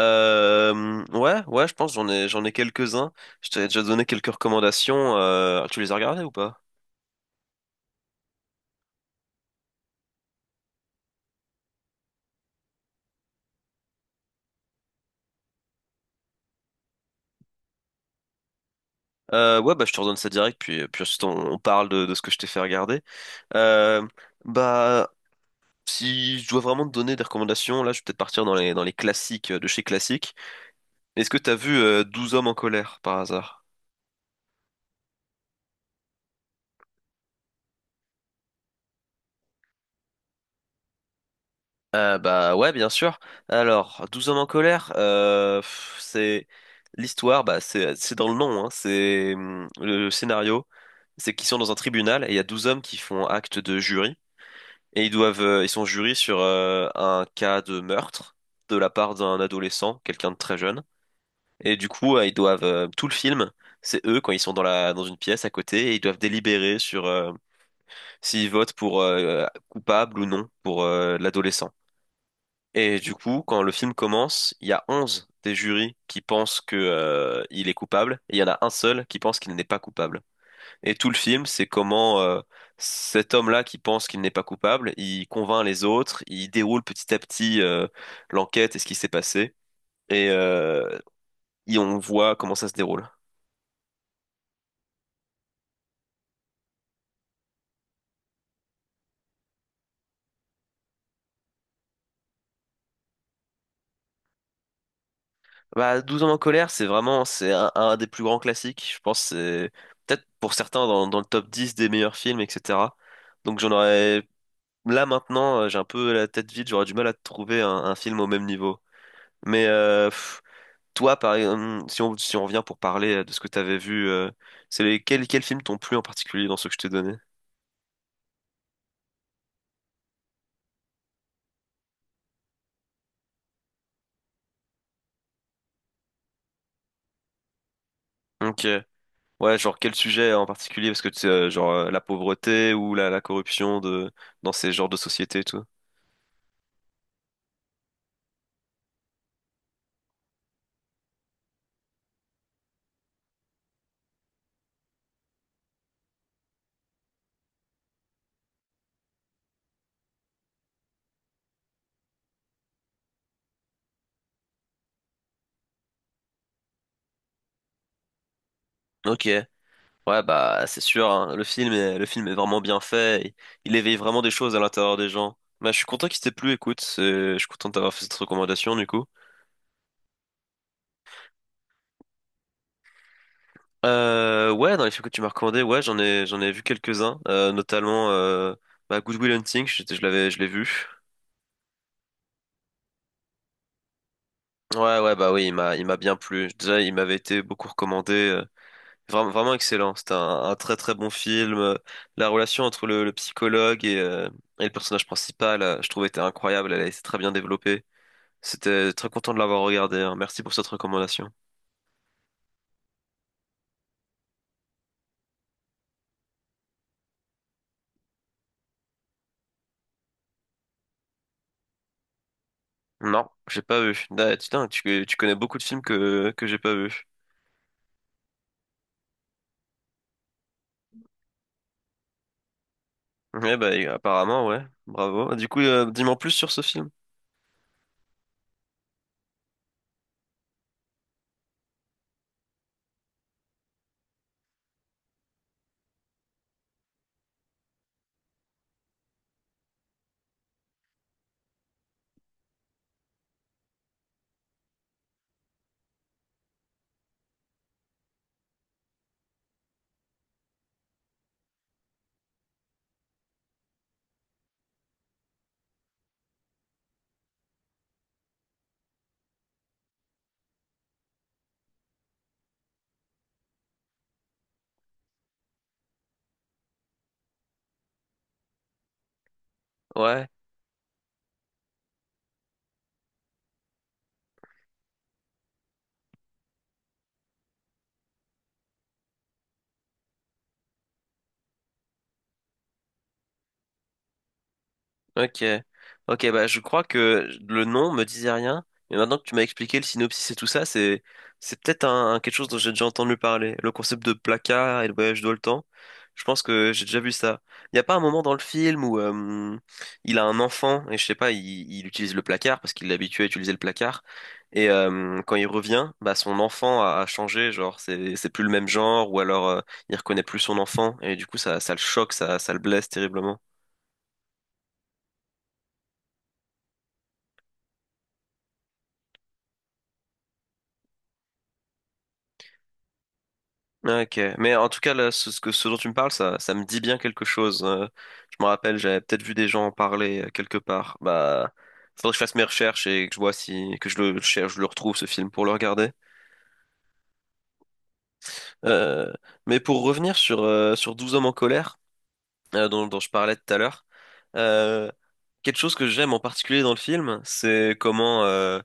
Ouais, je pense j'en ai quelques-uns. Je t'avais déjà donné quelques recommandations. Tu les as regardées ou pas? Ouais, bah je te redonne ça direct, puis ensuite on parle de ce que je t'ai fait regarder. Euh, bah si je dois vraiment te donner des recommandations, là je vais peut-être partir dans les classiques de chez classique. Est-ce que t'as vu 12 hommes en colère par hasard? Bah ouais, bien sûr. Alors, 12 hommes en colère, c'est l'histoire, bah c'est dans le nom, hein, c'est le scénario, c'est qu'ils sont dans un tribunal et il y a 12 hommes qui font acte de jury et ils doivent ils sont jurés sur un cas de meurtre de la part d'un adolescent, quelqu'un de très jeune. Et du coup, ils doivent tout le film, c'est eux quand ils sont dans la dans une pièce à côté et ils doivent délibérer sur s'ils votent pour coupable ou non pour l'adolescent. Et du coup, quand le film commence, il y a 11 des jurys qui pensent que, il est coupable, et il y en a un seul qui pense qu'il n'est pas coupable. Et tout le film, c'est comment, cet homme-là qui pense qu'il n'est pas coupable, il convainc les autres, il déroule petit à petit, l'enquête et ce qui s'est passé, et, euh, et on voit comment ça se déroule. Bah, Douze hommes en colère, c'est vraiment c'est un des plus grands classiques. Je pense que c'est peut-être pour certains dans, dans le top 10 des meilleurs films, etc. Donc j'en aurais là maintenant, j'ai un peu la tête vide, j'aurais du mal à trouver un film au même niveau. Mais toi, par exemple, si on revient pour parler de ce que t'avais vu, c'est les, quels films t'ont plu en particulier dans ceux que je t'ai donné? Ok. Ouais, genre quel sujet en particulier? Parce que tu sais, la pauvreté ou la corruption de dans ces genres de sociétés et tout. Ok, ouais bah c'est sûr, hein. Le film est vraiment bien fait, il éveille vraiment des choses à l'intérieur des gens. Bah je suis content qu'il t'ait plu, écoute, c'est- je suis content d'avoir fait cette recommandation du coup. Ouais, dans les films que tu m'as recommandé, ouais j'en ai vu quelques-uns, notamment bah, Good Will Hunting, je l'avais je l'ai vu. Ouais, ouais, bah oui, il m'a bien plu. Déjà, il m'avait été beaucoup recommandé. Vraiment, vraiment excellent. C'était un très très bon film. La relation entre le psychologue et le personnage principal, je trouvais était incroyable. Elle était très bien développée. C'était très content de l'avoir regardé. Hein. Merci pour cette recommandation. Non, j'ai pas vu. Ah, putain, tu connais beaucoup de films que j'ai pas vu. Ouais, bah apparemment, ouais. Bravo. Du coup, dis-moi en plus sur ce film. Ouais. Ok. Ok, bah je crois que le nom me disait rien. Et maintenant que tu m'as expliqué le synopsis et tout ça, c'est peut-être un- quelque chose dont j'ai déjà entendu parler. Le concept de placard et le voyage dans le temps. Je pense que j'ai déjà vu ça. Il n'y a pas un moment dans le film où il a un enfant et je sais pas, il utilise le placard parce qu'il l'habitue à utiliser le placard. Et quand il revient, bah son enfant a, a changé, genre c'est plus le même genre ou alors il reconnaît plus son enfant et du coup ça le choque, ça le blesse terriblement. Ah, ok, mais en tout cas, là, ce que, ce dont tu me parles, ça me dit bien quelque chose. Je me rappelle, j'avais peut-être vu des gens en parler quelque part. Bah, faudrait que je fasse mes recherches et que je vois si, que je le cherche, je le retrouve ce film pour le regarder. Euh, mais pour revenir sur, sur 12 hommes en colère, dont, dont je parlais tout à l'heure, euh, quelque chose que j'aime en particulier dans le film, c'est comment,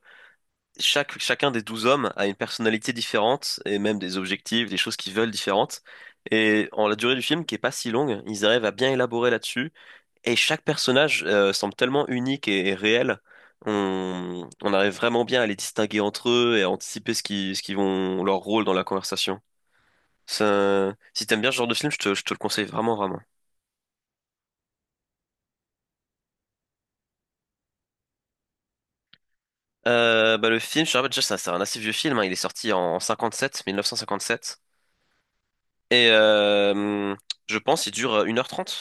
chaque, chacun des 12 hommes a une personnalité différente et même des objectifs, des choses qu'ils veulent différentes. Et en la durée du film, qui est pas si longue, ils arrivent à bien élaborer là-dessus. Et chaque personnage semble tellement unique et réel. On arrive vraiment bien à les distinguer entre eux et à anticiper ce qui vont, leur rôle dans la conversation. Ça, si t'aimes bien ce genre de film, je te le conseille vraiment, vraiment. Bah, le film, je te rappelle déjà, ça- c'est un assez vieux film, hein. Il est sorti en 57, 1957. Et je pense il dure 1 h 30.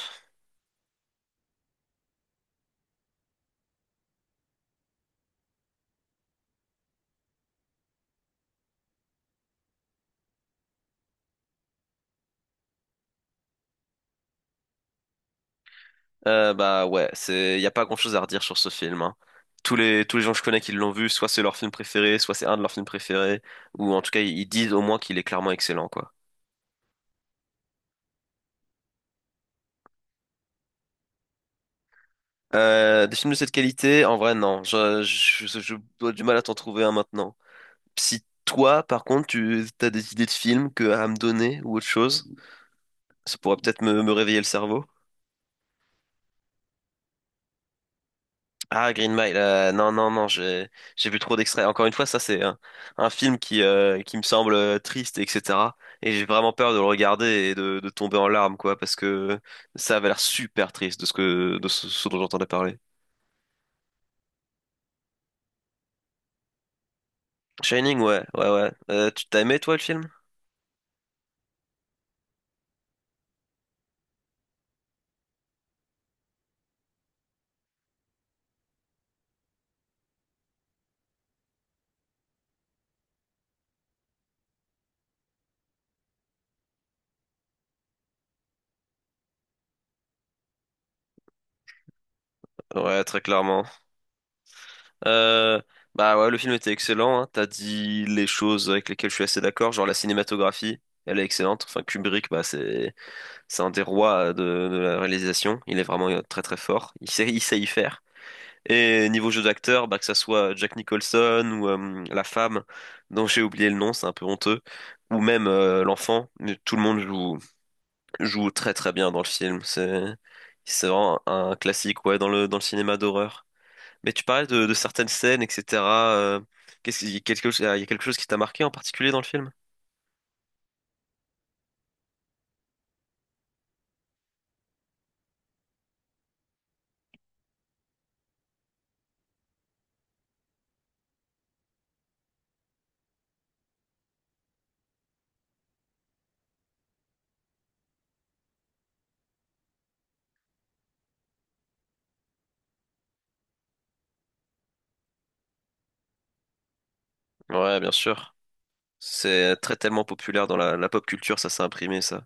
Bah ouais, c'est y a pas grand-chose à redire sur ce film. Hein. Tous les gens que je connais qui l'ont vu, soit c'est leur film préféré, soit c'est un de leurs films préférés, ou en tout cas ils disent au moins qu'il est clairement excellent quoi. Des films de cette qualité, en vrai non, je dois du mal à t'en trouver un maintenant. Si toi par contre tu as des idées de films que à me donner ou autre chose, ça pourrait peut-être me, me réveiller le cerveau. Ah, Green Mile, non, non, non, j'ai vu trop d'extraits. Encore une fois, ça, c'est un film qui me semble triste, etc. Et j'ai vraiment peur de le regarder et de tomber en larmes, quoi, parce que ça avait l'air super triste de ce que, de ce, ce dont j'entendais parler. Shining, ouais, ouais, ouais. Tu t'as aimé, toi, le film? Ouais, très clairement. Euh, Bah ouais, le film était excellent, hein. T'as dit les choses avec lesquelles je suis assez d'accord, genre la cinématographie, elle est excellente. Enfin, Kubrick, bah, c'est un des rois de la réalisation. Il est vraiment très très fort. Il sait y faire. Et niveau jeu d'acteur, bah, que ça soit Jack Nicholson ou la femme dont j'ai oublié le nom, c'est un peu honteux, ou même l'enfant, mais tout le monde joue, joue très très bien dans le film. C'est vraiment un, classique ouais, dans le cinéma d'horreur. Mais tu parlais de certaines scènes, etc. euh, qu'est-ce qu'il y a quelque chose, il y a quelque chose qui t'a marqué en particulier dans le film? Ouais, bien sûr. C'est très tellement populaire dans la, la pop culture, ça s'est imprimé, ça.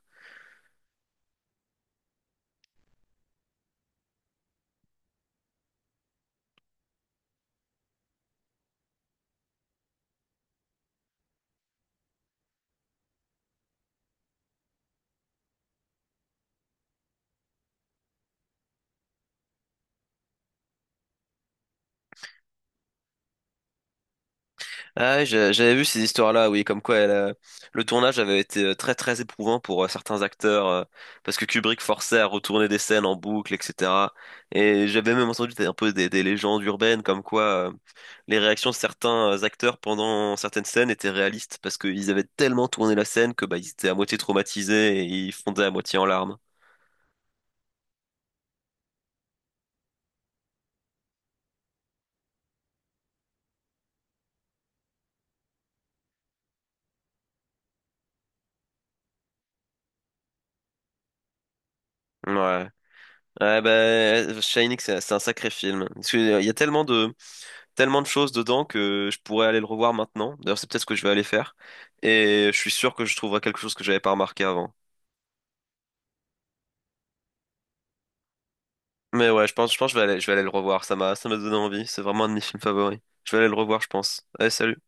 Ah, oui, j'ai- j'avais vu ces histoires-là, oui, comme quoi elle, le tournage avait été très très éprouvant pour certains acteurs, parce que Kubrick forçait à retourner des scènes en boucle, etc. Et j'avais même entendu des- un peu des légendes urbaines, comme quoi les réactions de certains acteurs pendant certaines scènes étaient réalistes, parce qu'ils avaient tellement tourné la scène que bah, ils étaient à moitié traumatisés et ils fondaient à moitié en larmes. Ouais. Ouais, bah, Shining, c'est un sacré film. Parce que, il y a tellement de choses dedans que je pourrais aller le revoir maintenant. D'ailleurs, c'est peut-être ce que je vais aller faire. Et je suis sûr que je trouverai quelque chose que j'avais pas remarqué avant. Mais ouais, je pense que je vais aller le revoir. Ça m'a donné envie. C'est vraiment un de mes films favoris. Je vais aller le revoir, je pense. Allez, salut.